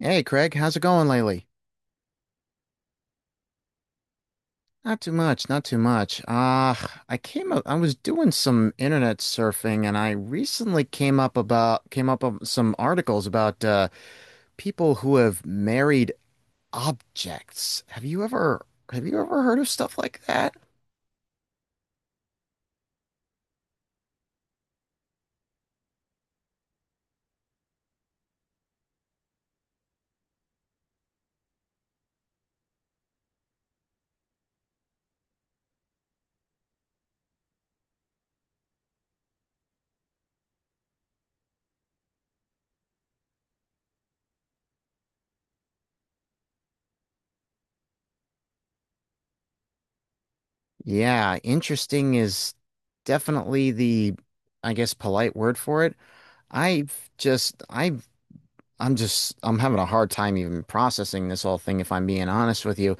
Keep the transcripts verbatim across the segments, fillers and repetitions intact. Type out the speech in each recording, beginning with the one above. Hey Craig, how's it going lately? Not too much, not too much. Uh, I came up, I was doing some internet surfing and I recently came up about came up with some articles about uh people who have married objects. Have you ever have you ever heard of stuff like that? Yeah, interesting is definitely the I guess polite word for it. I've just I've I'm just I'm having a hard time even processing this whole thing if I'm being honest with you.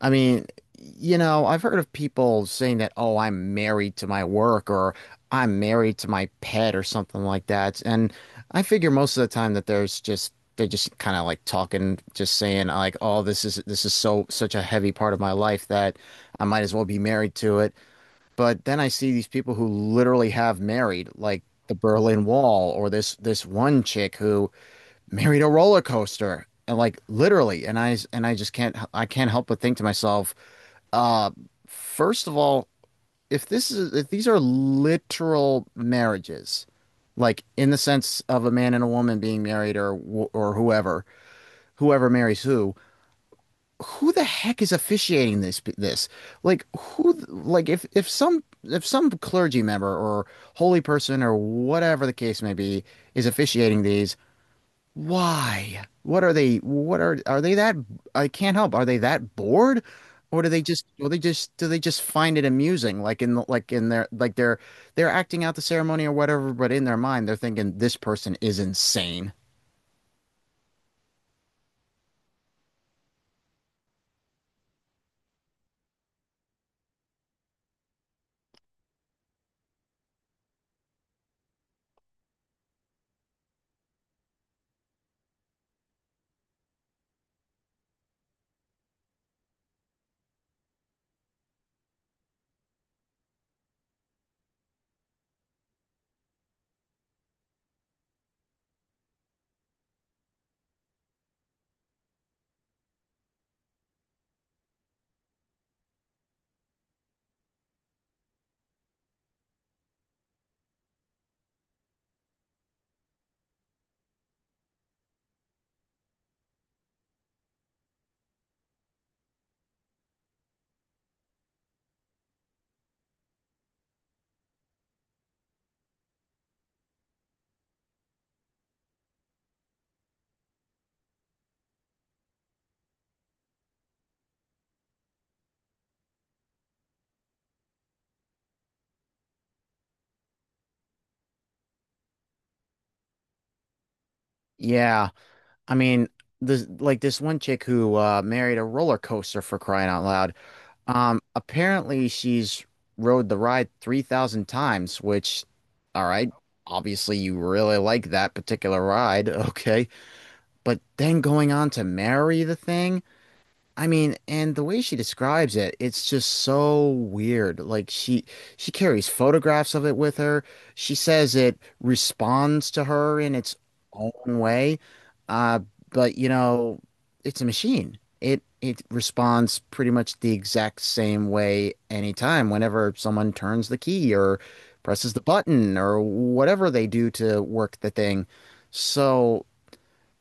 I mean, you know, I've heard of people saying that, oh, I'm married to my work or I'm married to my pet or something like that. And I figure most of the time that there's just they're just kind of like talking, just saying like, oh, this is this is so such a heavy part of my life that I might as well be married to it. But then I see these people who literally have married, like the Berlin Wall or this this one chick who married a roller coaster. And like literally, and I and I just can't I can't help but think to myself, uh, first of all, if this is if these are literal marriages, like in the sense of a man and a woman being married or or whoever, whoever marries who, who the heck is officiating this this? Like who like if if some if some clergy member or holy person or whatever the case may be is officiating these, why? What are they? What are are they that? I can't help. Are they that bored, or do they just? Or they just? Do they just find it amusing? Like in the, like in their like they're they're acting out the ceremony or whatever, but in their mind they're thinking this person is insane. Yeah, I mean this like this one chick who uh, married a roller coaster for crying out loud. Um, apparently she's rode the ride three thousand times, which, all right, obviously you really like that particular ride. Okay. But then going on to marry the thing, I mean, and the way she describes it, it's just so weird. Like she she carries photographs of it with her. She says it responds to her in its own way. Uh, but you know, it's a machine. It it responds pretty much the exact same way anytime, whenever someone turns the key or presses the button or whatever they do to work the thing. So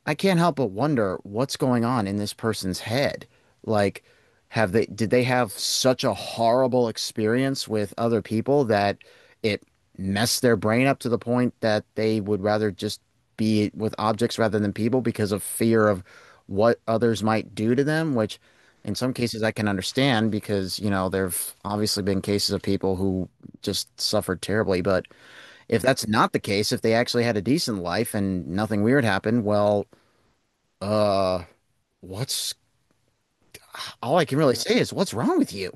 I can't help but wonder what's going on in this person's head. Like, have they, did they have such a horrible experience with other people that it messed their brain up to the point that they would rather just be with objects rather than people because of fear of what others might do to them, which in some cases I can understand because, you know, there've obviously been cases of people who just suffered terribly. But if that's not the case, if they actually had a decent life and nothing weird happened, well, uh, what's all I can really say is what's wrong with you?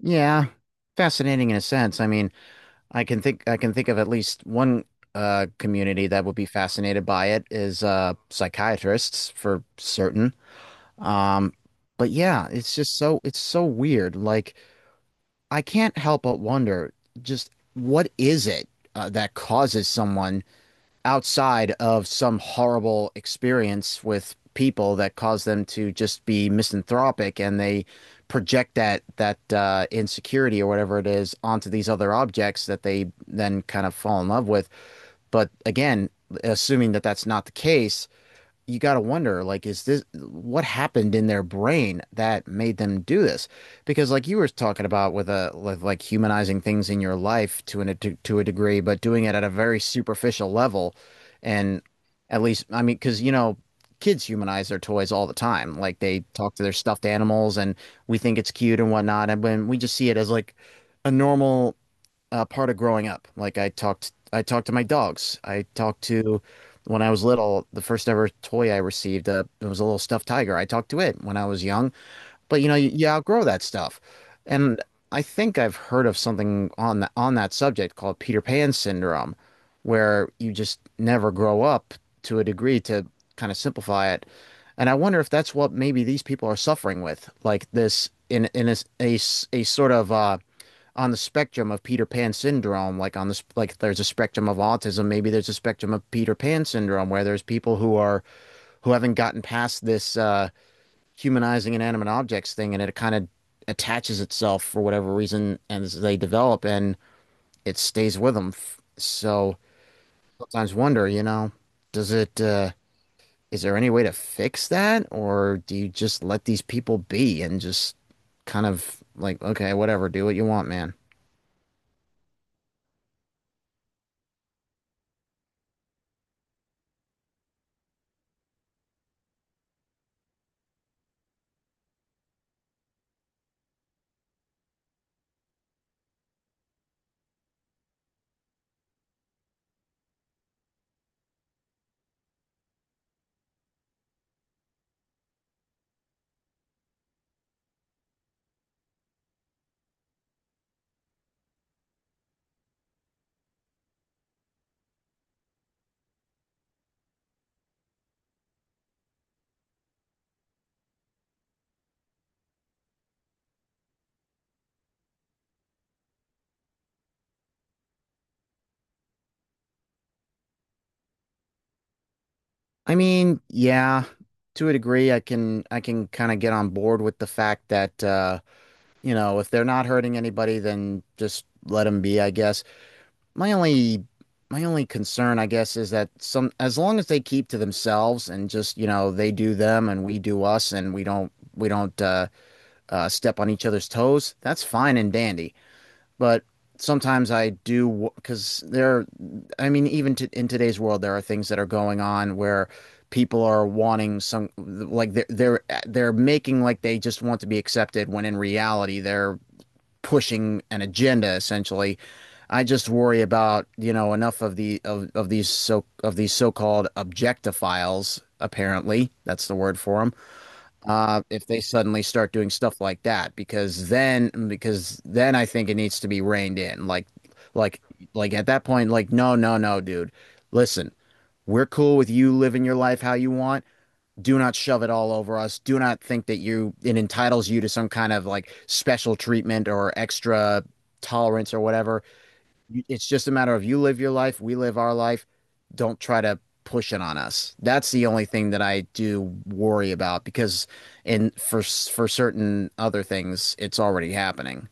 Yeah, fascinating in a sense. I mean, I can think I can think of at least one uh community that would be fascinated by it is uh psychiatrists for certain. Um, but yeah, it's just so it's so weird. Like I can't help but wonder just what is it uh, that causes someone outside of some horrible experience with people that cause them to just be misanthropic and they project that that uh, insecurity or whatever it is onto these other objects that they then kind of fall in love with. But again, assuming that that's not the case, you got to wonder like is this what happened in their brain that made them do this because like you were talking about with a with like humanizing things in your life to an to, to a degree but doing it at a very superficial level and at least I mean because you know kids humanize their toys all the time like they talk to their stuffed animals and we think it's cute and whatnot and when we just see it as like a normal uh, part of growing up. Like I talked, I talked to my dogs. I talked to when I was little. The first ever toy I received, uh, it was a little stuffed tiger. I talked to it when I was young. But you know, you, you outgrow that stuff. And I think I've heard of something on that on that subject called Peter Pan syndrome, where you just never grow up to a degree to kind of simplify it. And I wonder if that's what maybe these people are suffering with, like this in in a, a, a sort of uh, on the spectrum of Peter Pan syndrome, like on this, like there's a spectrum of autism. Maybe there's a spectrum of Peter Pan syndrome where there's people who are who haven't gotten past this uh, humanizing inanimate objects thing, and it kind of attaches itself for whatever reason as they develop, and it stays with them. So sometimes wonder, you know, does it? Uh, is there any way to fix that, or do you just let these people be and just kind of like, okay, whatever, do what you want, man? I mean, yeah, to a degree, I can I can kind of get on board with the fact that uh, you know, if they're not hurting anybody, then just let them be, I guess. My only my only concern, I guess, is that some as long as they keep to themselves and just, you know, they do them and we do us and we don't we don't uh, uh, step on each other's toes, that's fine and dandy but sometimes I do because there, I mean, even to, in today's world, there are things that are going on where people are wanting some, like they're they're they're making like they just want to be accepted when in reality they're pushing an agenda essentially. I just worry about, you know, enough of the of, of these so of these so-called objectophiles, apparently. That's the word for them uh, if they suddenly start doing stuff like that, because then because then I think it needs to be reined in. Like like like at that point, like no, no, no, dude. Listen, we're cool with you living your life how you want. Do not shove it all over us. Do not think that you it entitles you to some kind of like special treatment or extra tolerance or whatever. It's just a matter of you live your life, we live our life. Don't try to push it on us. That's the only thing that I do worry about because in for for certain other things, it's already happening.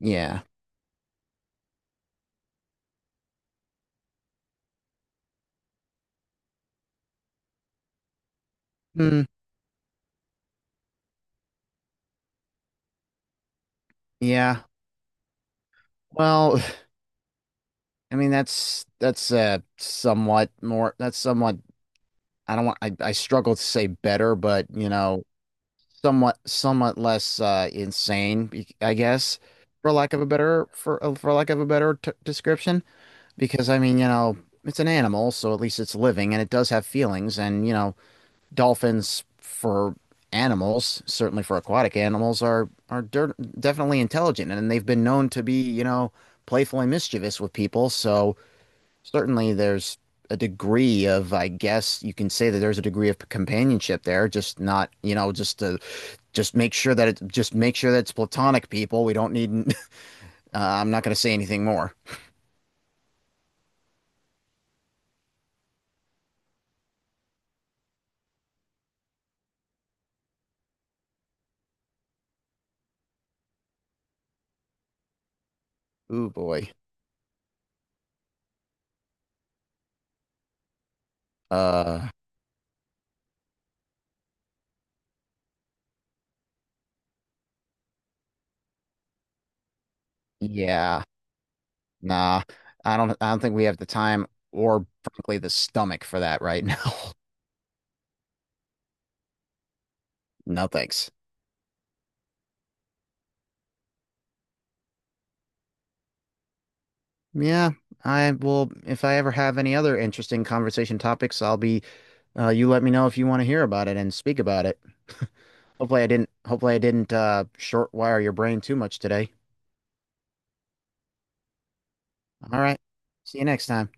Yeah. Hmm. yeah. Well, I mean that's that's uh somewhat more that's somewhat I don't want I, I struggle to say better, but you know, somewhat somewhat less uh insane, be- I guess, for lack of a better for for lack of a better t description. Because I mean, you know, it's an animal, so at least it's living and it does have feelings. And, you know, dolphins for animals, certainly for aquatic animals, are are dirt, definitely intelligent and they've been known to be, you know, playful and mischievous with people. So certainly there's a degree of, I guess you can say that there's a degree of companionship there, just not, you know, just to just make sure that it just make sure that it's platonic people. We don't need, uh, I'm not going to say anything more. Ooh boy. Uh, yeah. Nah, I don't I don't think we have the time or frankly the stomach for that right now. No thanks. Yeah, I will if I ever have any other interesting conversation topics, I'll be uh you let me know if you want to hear about it and speak about it. Hopefully I didn't hopefully I didn't uh short wire your brain too much today. All right. See you next time.